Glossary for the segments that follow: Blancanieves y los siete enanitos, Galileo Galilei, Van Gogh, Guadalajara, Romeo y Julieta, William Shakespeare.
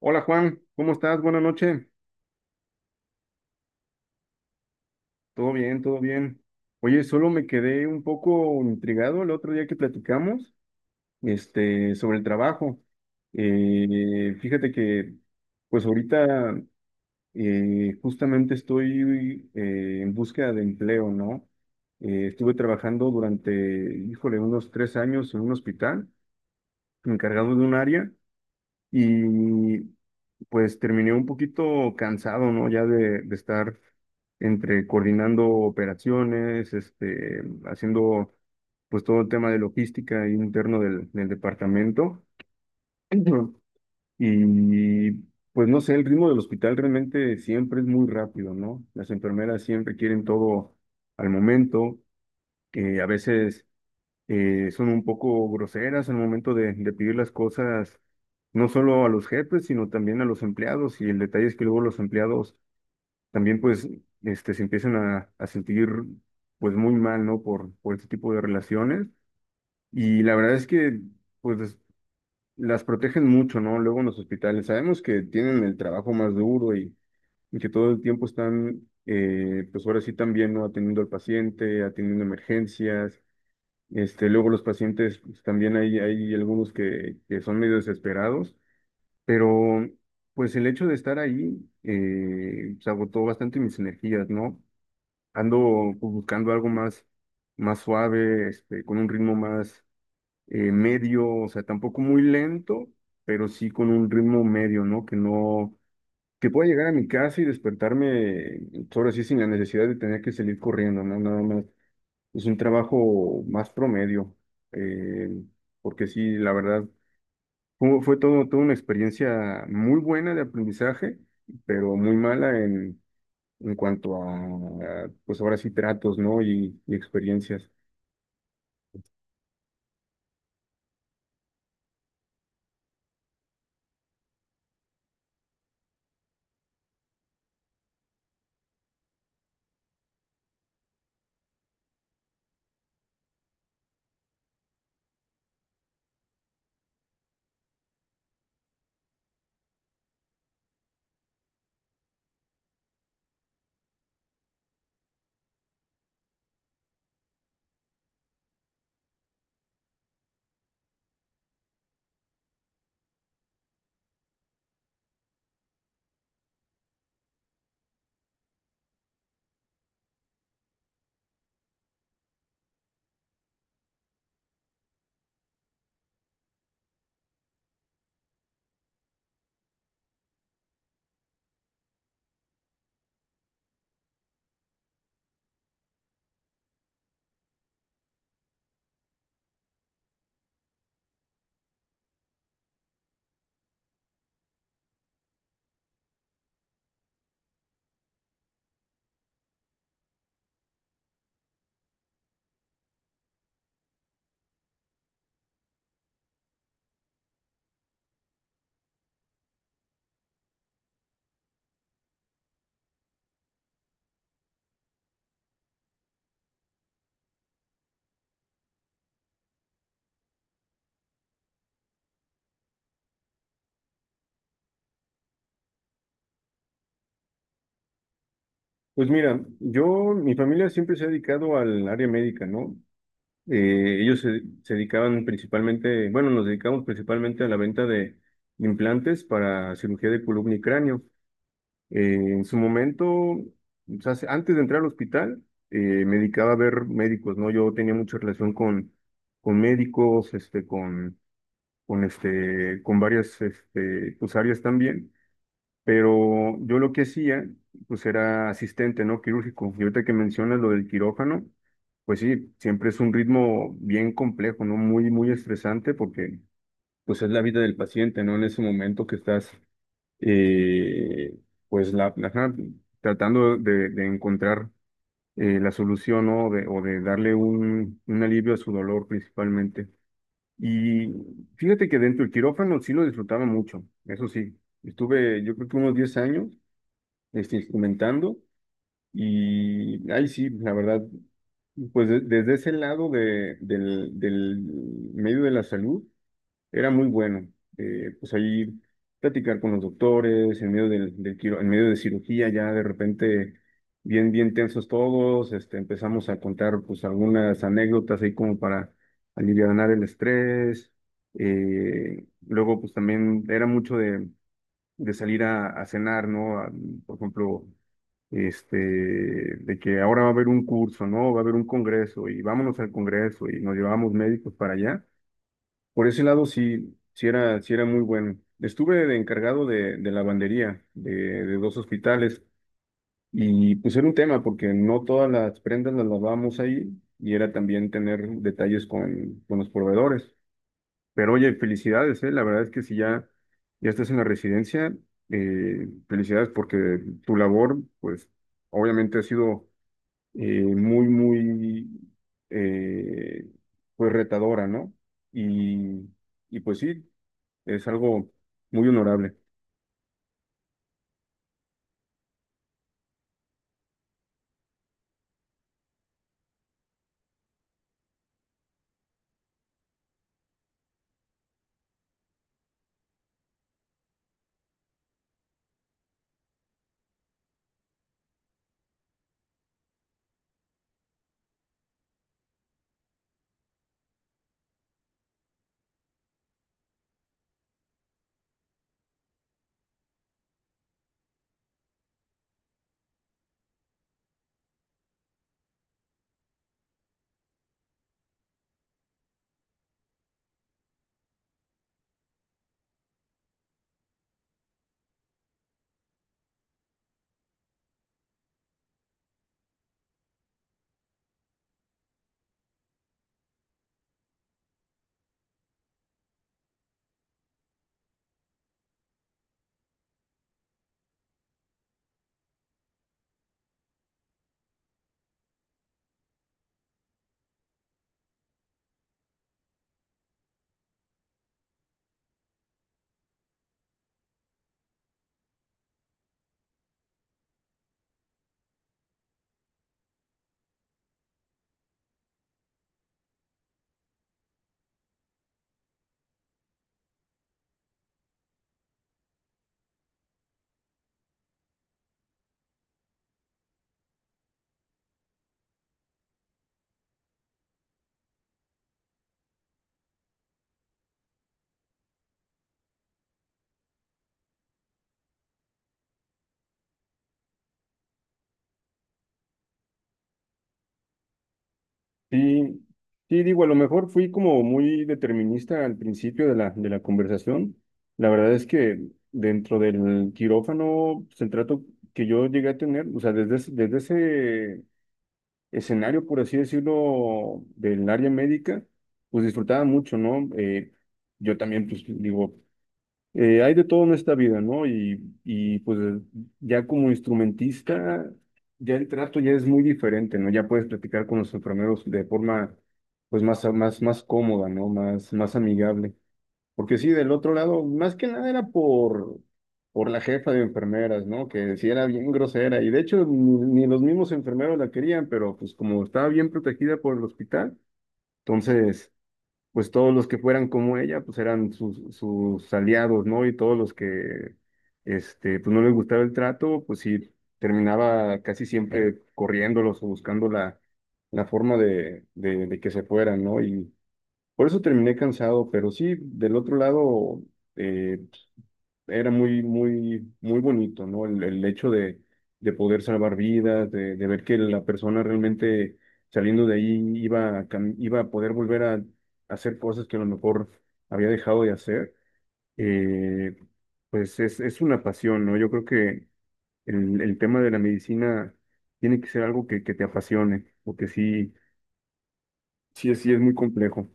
Hola Juan, ¿cómo estás? Buenas noches. Todo bien, todo bien. Oye, solo me quedé un poco intrigado el otro día que platicamos, sobre el trabajo. Fíjate que, pues ahorita justamente estoy en búsqueda de empleo, ¿no? Estuve trabajando durante, híjole, unos 3 años en un hospital, encargado de un área, y pues terminé un poquito cansado, ¿no? Ya de estar entre coordinando operaciones, este, haciendo pues todo el tema de logística interno del departamento. Ujú. Y pues no sé, el ritmo del hospital realmente siempre es muy rápido, ¿no? Las enfermeras siempre quieren todo al momento, que a veces son un poco groseras al momento de pedir las cosas, no solo a los jefes, sino también a los empleados. Y el detalle es que luego los empleados también, pues, este, se empiezan a sentir, pues, muy mal, ¿no? Por este tipo de relaciones. Y la verdad es que, pues, las protegen mucho, ¿no? Luego en los hospitales. Sabemos que tienen el trabajo más duro y que todo el tiempo están, pues, ahora sí también, ¿no? Atendiendo al paciente, atendiendo emergencias este, luego los pacientes, pues, también hay algunos que son medio desesperados, pero pues el hecho de estar ahí pues, agotó bastante mis energías, ¿no? Ando pues, buscando algo más, más suave, este, con un ritmo más medio, o sea, tampoco muy lento, pero sí con un ritmo medio, ¿no? Que no, que pueda llegar a mi casa y despertarme, pues, ahora sí, sin la necesidad de tener que salir corriendo, ¿no? Nada más es un trabajo más promedio, eh, porque sí, la verdad, fue, fue todo, toda una experiencia muy buena de aprendizaje, pero muy mala en cuanto a, pues ahora sí, tratos, ¿no? Y experiencias. Pues mira, yo, mi familia siempre se ha dedicado al área médica, ¿no? Ellos se, se dedicaban principalmente, bueno, nos dedicamos principalmente a la venta de implantes para cirugía de columna y cráneo. En su momento, o sea, se- antes de entrar al hospital, me dedicaba a ver médicos, ¿no? Yo tenía mucha relación con médicos, este, con, con varias este, pues, áreas también, pero yo lo que hacía, pues era asistente, ¿no? Quirúrgico. Y ahorita que mencionas lo del quirófano, pues sí, siempre es un ritmo bien complejo, ¿no? Muy, muy estresante porque, pues es la vida del paciente, ¿no? En ese momento que estás eh, pues la ajá, tratando de encontrar la solución, ¿no? De- o de darle un alivio a su dolor principalmente. Y fíjate que dentro del quirófano sí lo disfrutaba mucho, eso sí, estuve yo creo que unos 10 años este, instrumentando y ahí sí, la verdad, pues de- desde ese lado de- del medio de la salud. Era muy bueno. Pues allí platicar con los doctores, en medio del quiro- en medio de cirugía, ya de repente bien, bien tensos todos, este, empezamos a contar pues algunas anécdotas ahí como para alivianar el estrés. Luego pues también era mucho de salir a cenar, ¿no? A- por ejemplo, este, de que ahora va a haber un curso, ¿no? Va a haber un congreso y vámonos al congreso y nos llevábamos médicos para allá. Por ese lado sí, sí era muy bueno. Estuve de encargado de lavandería de 2 hospitales y pues era un tema porque no todas las prendas las lavábamos ahí y era también tener detalles con los proveedores. Pero oye, felicidades, ¿eh? La verdad es que si ya, ya estás en la residencia, felicidades porque tu labor, pues obviamente ha sido muy, muy, eh, pues retadora, ¿no? Y, y pues sí. Es algo muy honorable. Sí, sí, digo, a lo mejor fui como muy determinista al principio de la conversación. La verdad es que dentro del quirófano, pues, el trato que yo llegué a tener, o sea, desde ese escenario, por así decirlo, del área médica, pues disfrutaba mucho, ¿no? Yo también, pues digo, eh, hay de todo en esta vida, ¿no? Y pues ya como instrumentista, ya el trato ya es muy diferente, ¿no? Ya puedes platicar con los enfermeros de forma pues más, más, más cómoda, ¿no? Más, más amigable. Porque sí, del otro lado, más que nada era por la jefa de enfermeras, ¿no? Que sí era bien grosera. Y de hecho, ni, ni los mismos enfermeros la querían, pero pues como estaba bien protegida por el hospital, entonces pues todos los que fueran como ella, pues eran sus, sus aliados, ¿no? Y todos los que, este, pues no les gustaba el trato, pues sí, terminaba casi siempre corriéndolos o buscando la, la forma de que se fueran, ¿no? Y por eso terminé cansado, pero sí, del otro lado, eh, era muy, muy, muy bonito, ¿no? El hecho de poder salvar vidas, de ver que la persona realmente saliendo de ahí iba a, cam- iba a poder volver a, hacer cosas que a lo mejor había dejado de hacer, eh, pues es una pasión, ¿no? Yo creo que el tema de la medicina tiene que ser algo que te apasione, porque sí, sí, sí es muy complejo.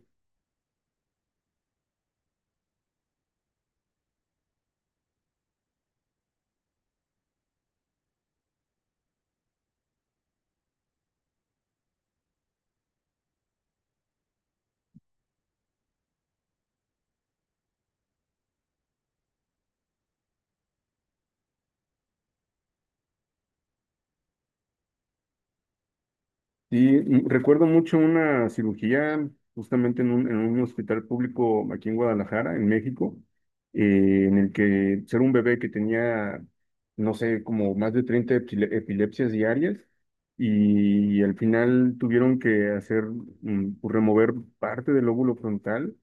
Sí, y mm, recuerdo mucho una cirugía justamente en un hospital público aquí en Guadalajara, en México, en el que era un bebé que tenía, no sé, como más de 30 epile- epilepsias diarias y al final tuvieron que hacer, mm, pues, remover parte del lóbulo frontal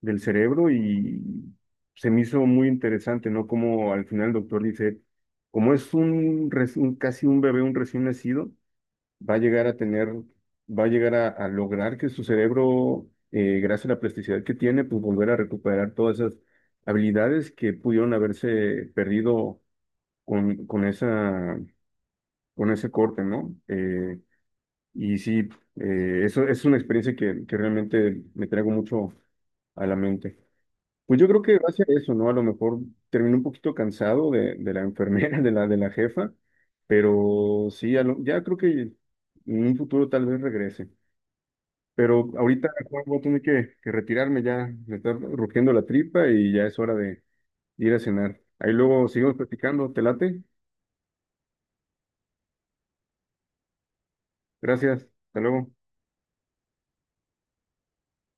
del cerebro y se me hizo muy interesante, ¿no? Como al final el doctor dice, como es un, res- un casi un bebé, un recién nacido va a llegar a tener, va a llegar a lograr que su cerebro, gracias a la plasticidad que tiene, pues volver a recuperar todas esas habilidades que pudieron haberse perdido con esa, con ese corte, ¿no? Y sí, eso es una experiencia que realmente me traigo mucho a la mente. Pues yo creo que gracias a eso, ¿no? A lo mejor terminé un poquito cansado de la enfermera, de la jefa, pero sí, a lo- ya creo que en un futuro tal vez regrese. Pero ahorita Juan, voy a tener que retirarme ya. Me está rugiendo la tripa y ya es hora de ir a cenar. Ahí luego seguimos platicando. ¿Te late? Gracias. Hasta luego.